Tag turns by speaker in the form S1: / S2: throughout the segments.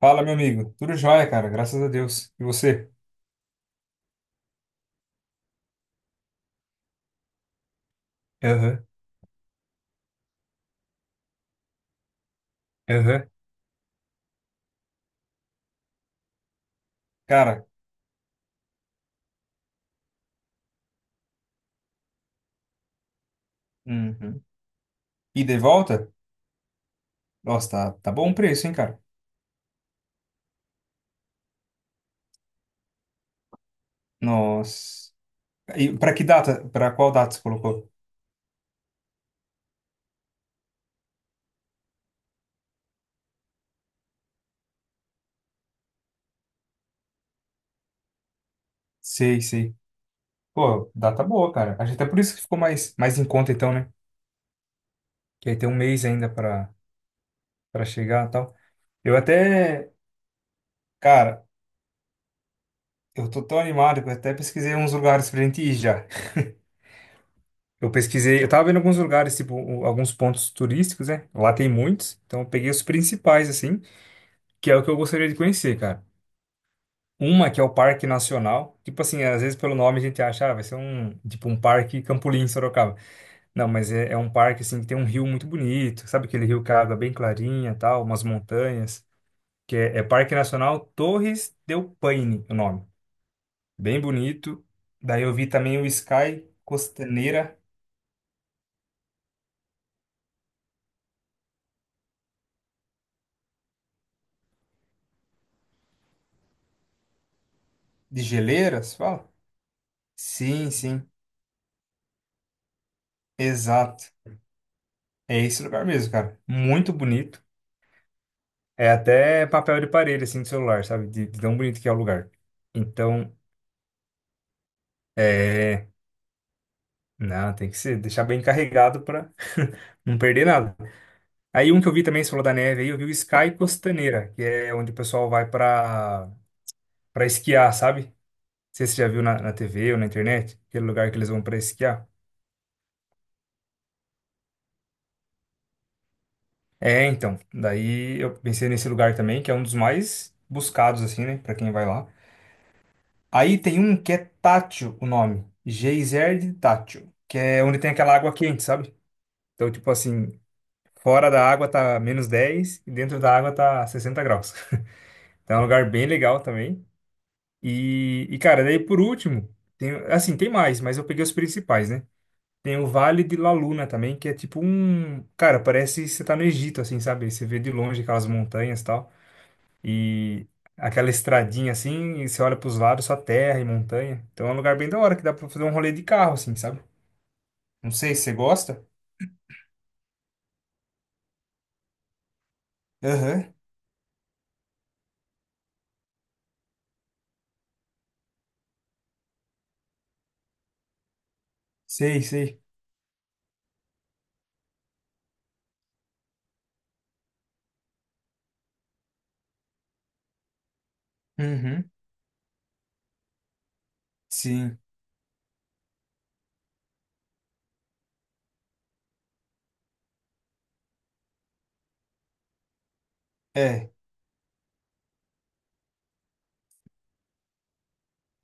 S1: Fala, meu amigo. Tudo jóia, cara. Graças a Deus. E você? Aham, aham. Cara, uhum. Ida e de volta? Nossa, tá bom o preço, hein, cara? Nossa. E pra que data? Pra qual data você colocou? Sei, sei. Pô, data boa, cara. Acho até por isso que ficou mais em conta, então, né? Que aí tem um mês ainda pra chegar e tal. Eu até, cara, eu tô tão animado que eu até pesquisei uns lugares pra gente ir já. Eu pesquisei, eu tava vendo alguns lugares, tipo, alguns pontos turísticos, né? Lá tem muitos, então eu peguei os principais, assim, que é o que eu gostaria de conhecer, cara. Uma que é o Parque Nacional, tipo assim, às vezes pelo nome a gente acha, ah, vai ser um, tipo, um parque Campolim, Sorocaba. Não, mas é um parque, assim, que tem um rio muito bonito, sabe aquele rio com a água é bem clarinha, tal, umas montanhas, que é Parque Nacional Torres del Paine, o nome. Bem bonito. Daí eu vi também o Sky Costaneira de Geleiras, fala? Sim, sim. Exato. É esse lugar mesmo, cara. Muito bonito. É até papel de parede, assim, de celular, sabe? De tão bonito que é o lugar. Então, é. Não, tem que ser, deixar bem carregado pra não perder nada. Aí um que eu vi também, você falou da neve aí, eu vi o Sky Costaneira, que é onde o pessoal vai pra esquiar, sabe? Não sei se você já viu na TV ou na internet, aquele lugar que eles vão pra esquiar. É, então, daí eu pensei nesse lugar também, que é um dos mais buscados, assim, né, pra quem vai lá. Aí tem um que é tátil, o nome. Geyser de tátil. Que é onde tem aquela água quente, sabe? Então, tipo assim, fora da água tá -10 e dentro da água tá 60 graus. Então é um lugar bem legal também. E cara, daí por último, tem, assim, tem mais, mas eu peguei os principais, né? Tem o Vale de La Luna também, que é tipo um. Cara, parece que você tá no Egito, assim, sabe? Você vê de longe aquelas montanhas e tal. E aquela estradinha assim, e você olha pros lados, só terra e montanha. Então é um lugar bem da hora que dá pra fazer um rolê de carro, assim, sabe? Não sei se você gosta. Aham. Sei, sei. Uhum. Sim. É.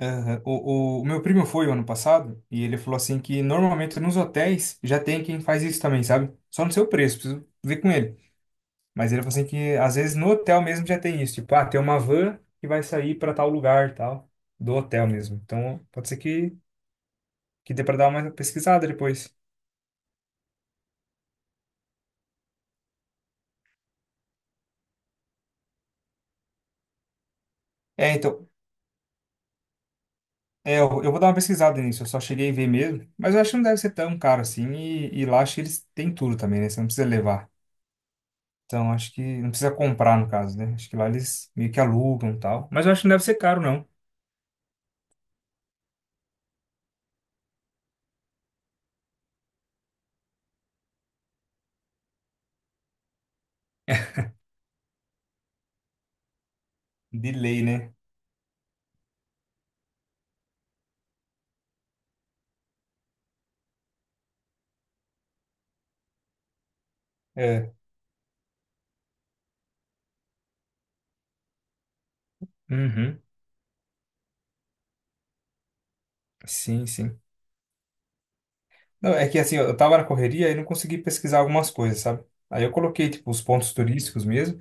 S1: Aham. O meu primo foi o ano passado e ele falou assim que normalmente nos hotéis já tem quem faz isso também, sabe? Só no seu preço, preciso ver com ele. Mas ele falou assim que às vezes no hotel mesmo já tem isso, tipo, ah, tem uma van que vai sair para tal lugar, e tal, do hotel mesmo. Então pode ser que dê para dar uma pesquisada depois. É, então, é, eu vou dar uma pesquisada nisso, eu só cheguei a ver mesmo, mas eu acho que não deve ser tão caro assim, e lá acho que eles têm tudo também, né? Você não precisa levar. Então, acho que não precisa comprar, no caso, né? Acho que lá eles meio que alugam e tal. Mas eu acho que não deve ser caro, não. De lei, né? É. Uhum. Sim, sim. Não, é que assim, eu tava na correria e não consegui pesquisar algumas coisas, sabe? Aí eu coloquei, tipo, os pontos turísticos mesmo,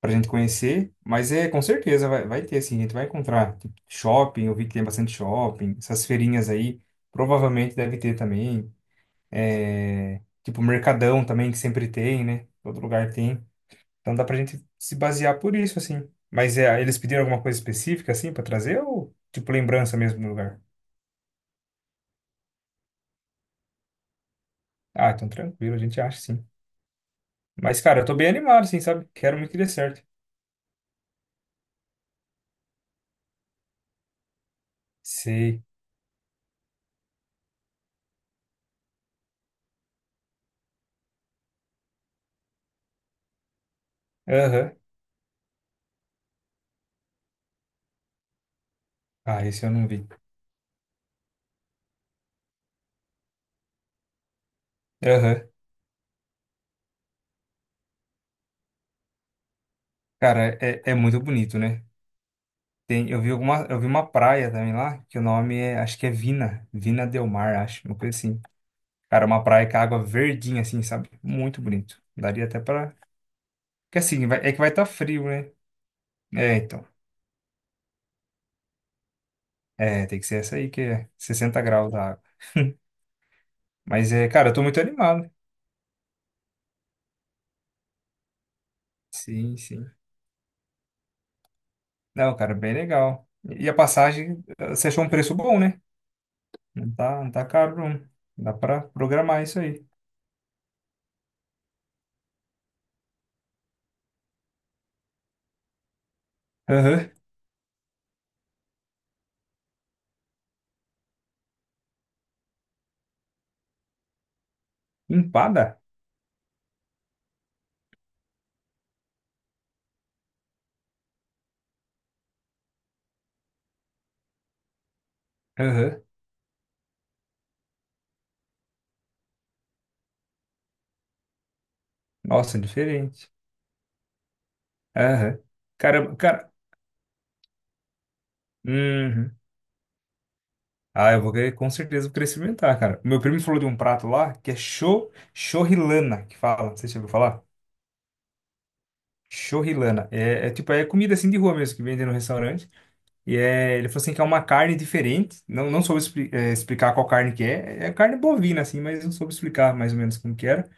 S1: pra gente conhecer, mas é com certeza vai ter, assim, a gente vai encontrar tipo, shopping, eu vi que tem bastante shopping, essas feirinhas aí, provavelmente deve ter também, é, tipo mercadão também, que sempre tem, né? Todo lugar tem. Então dá pra gente se basear por isso, assim. Mas é, eles pediram alguma coisa específica, assim, pra trazer ou, tipo, lembrança mesmo do lugar? Ah, então tranquilo, a gente acha, sim. Mas, cara, eu tô bem animado, assim, sabe? Quero muito que dê certo. Sei. Aham. Ah, esse eu não vi. Aham. Cara, é muito bonito, né? Tem, eu vi alguma, eu vi uma praia também lá, que o nome é, acho que é Vina Del Mar, acho, uma coisa assim. Cara, uma praia com a água verdinha assim, sabe? Muito bonito. Daria até pra. Porque assim, é que vai estar frio, né? É, então. É, tem que ser essa aí que é 60 graus da água. Mas é, cara, eu tô muito animado. Sim, sim. Não, cara, bem legal. E a passagem, você achou um preço bom, né? Não tá, não tá caro, não. Dá pra programar isso aí. Aham. Empada? Aham. Nossa, diferente. Aham. Cara, cara, uhum. Ah, eu vou querer, com certeza, vou querer experimentar, cara. Meu primo falou de um prato lá que é chorrilana, que fala. Não sei se você já ouviu falar? Chorrilana. É tipo, é comida assim de rua mesmo, que vende no restaurante. E é, ele falou assim que é uma carne diferente. Não, não soube explicar qual carne que é. É carne bovina, assim, mas não soube explicar mais ou menos como que era.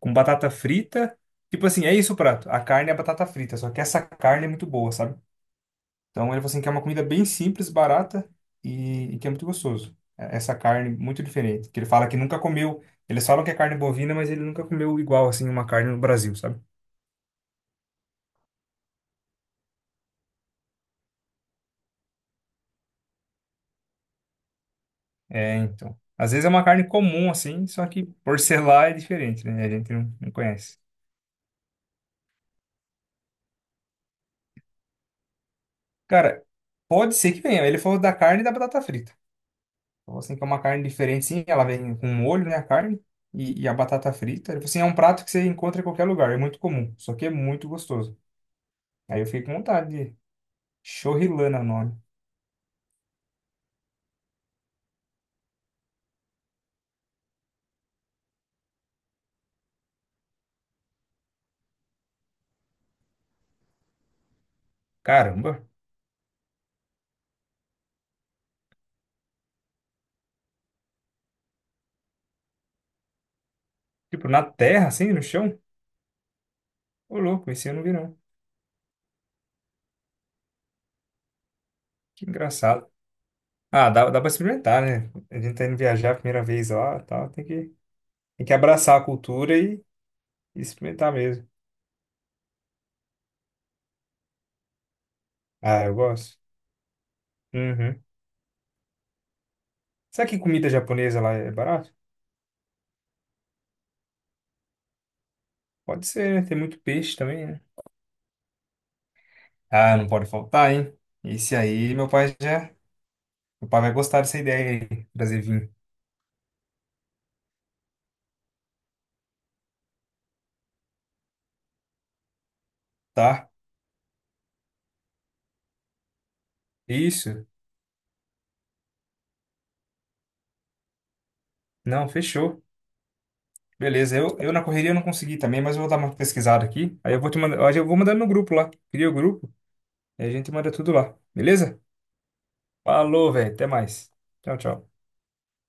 S1: Com batata frita. Tipo assim, é isso o prato. A carne é batata frita, só que essa carne é muito boa, sabe? Então ele falou assim que é uma comida bem simples, barata e que é muito gostoso. Essa carne muito diferente. Que ele fala que nunca comeu. Eles falam que é carne bovina, mas ele nunca comeu igual assim uma carne no Brasil, sabe? É, então. Às vezes é uma carne comum assim, só que por ser lá é diferente, né? A gente não, não conhece. Cara, pode ser que venha. Ele falou da carne e da batata frita. Falou assim que é uma carne diferente, sim. Ela vem com molho, né? A carne e a batata frita. Ele falou assim, é um prato que você encontra em qualquer lugar. É muito comum, só que é muito gostoso. Aí eu fiquei com vontade. Chorrilana é o nome. Caramba. Tipo, na terra, assim, no chão? Ô, louco, esse eu não vi, não. Que engraçado. Ah, dá pra experimentar, né? A gente tá indo viajar a primeira vez lá e tal. Tem que abraçar a cultura e experimentar mesmo. Ah, eu gosto. Uhum. Será que comida japonesa lá é barato? Pode ser, né? Tem muito peixe também, né? Ah, não pode faltar, hein? Esse aí, meu pai já. Meu pai vai gostar dessa ideia aí. Trazer vinho, tá? Isso. Não, fechou. Beleza, eu na correria não consegui também, mas eu vou dar uma pesquisada aqui. Aí eu vou te mandar, aí eu vou mandando no grupo lá. Cria o grupo e a gente manda tudo lá. Beleza? Falou, velho. Até mais. Tchau, tchau.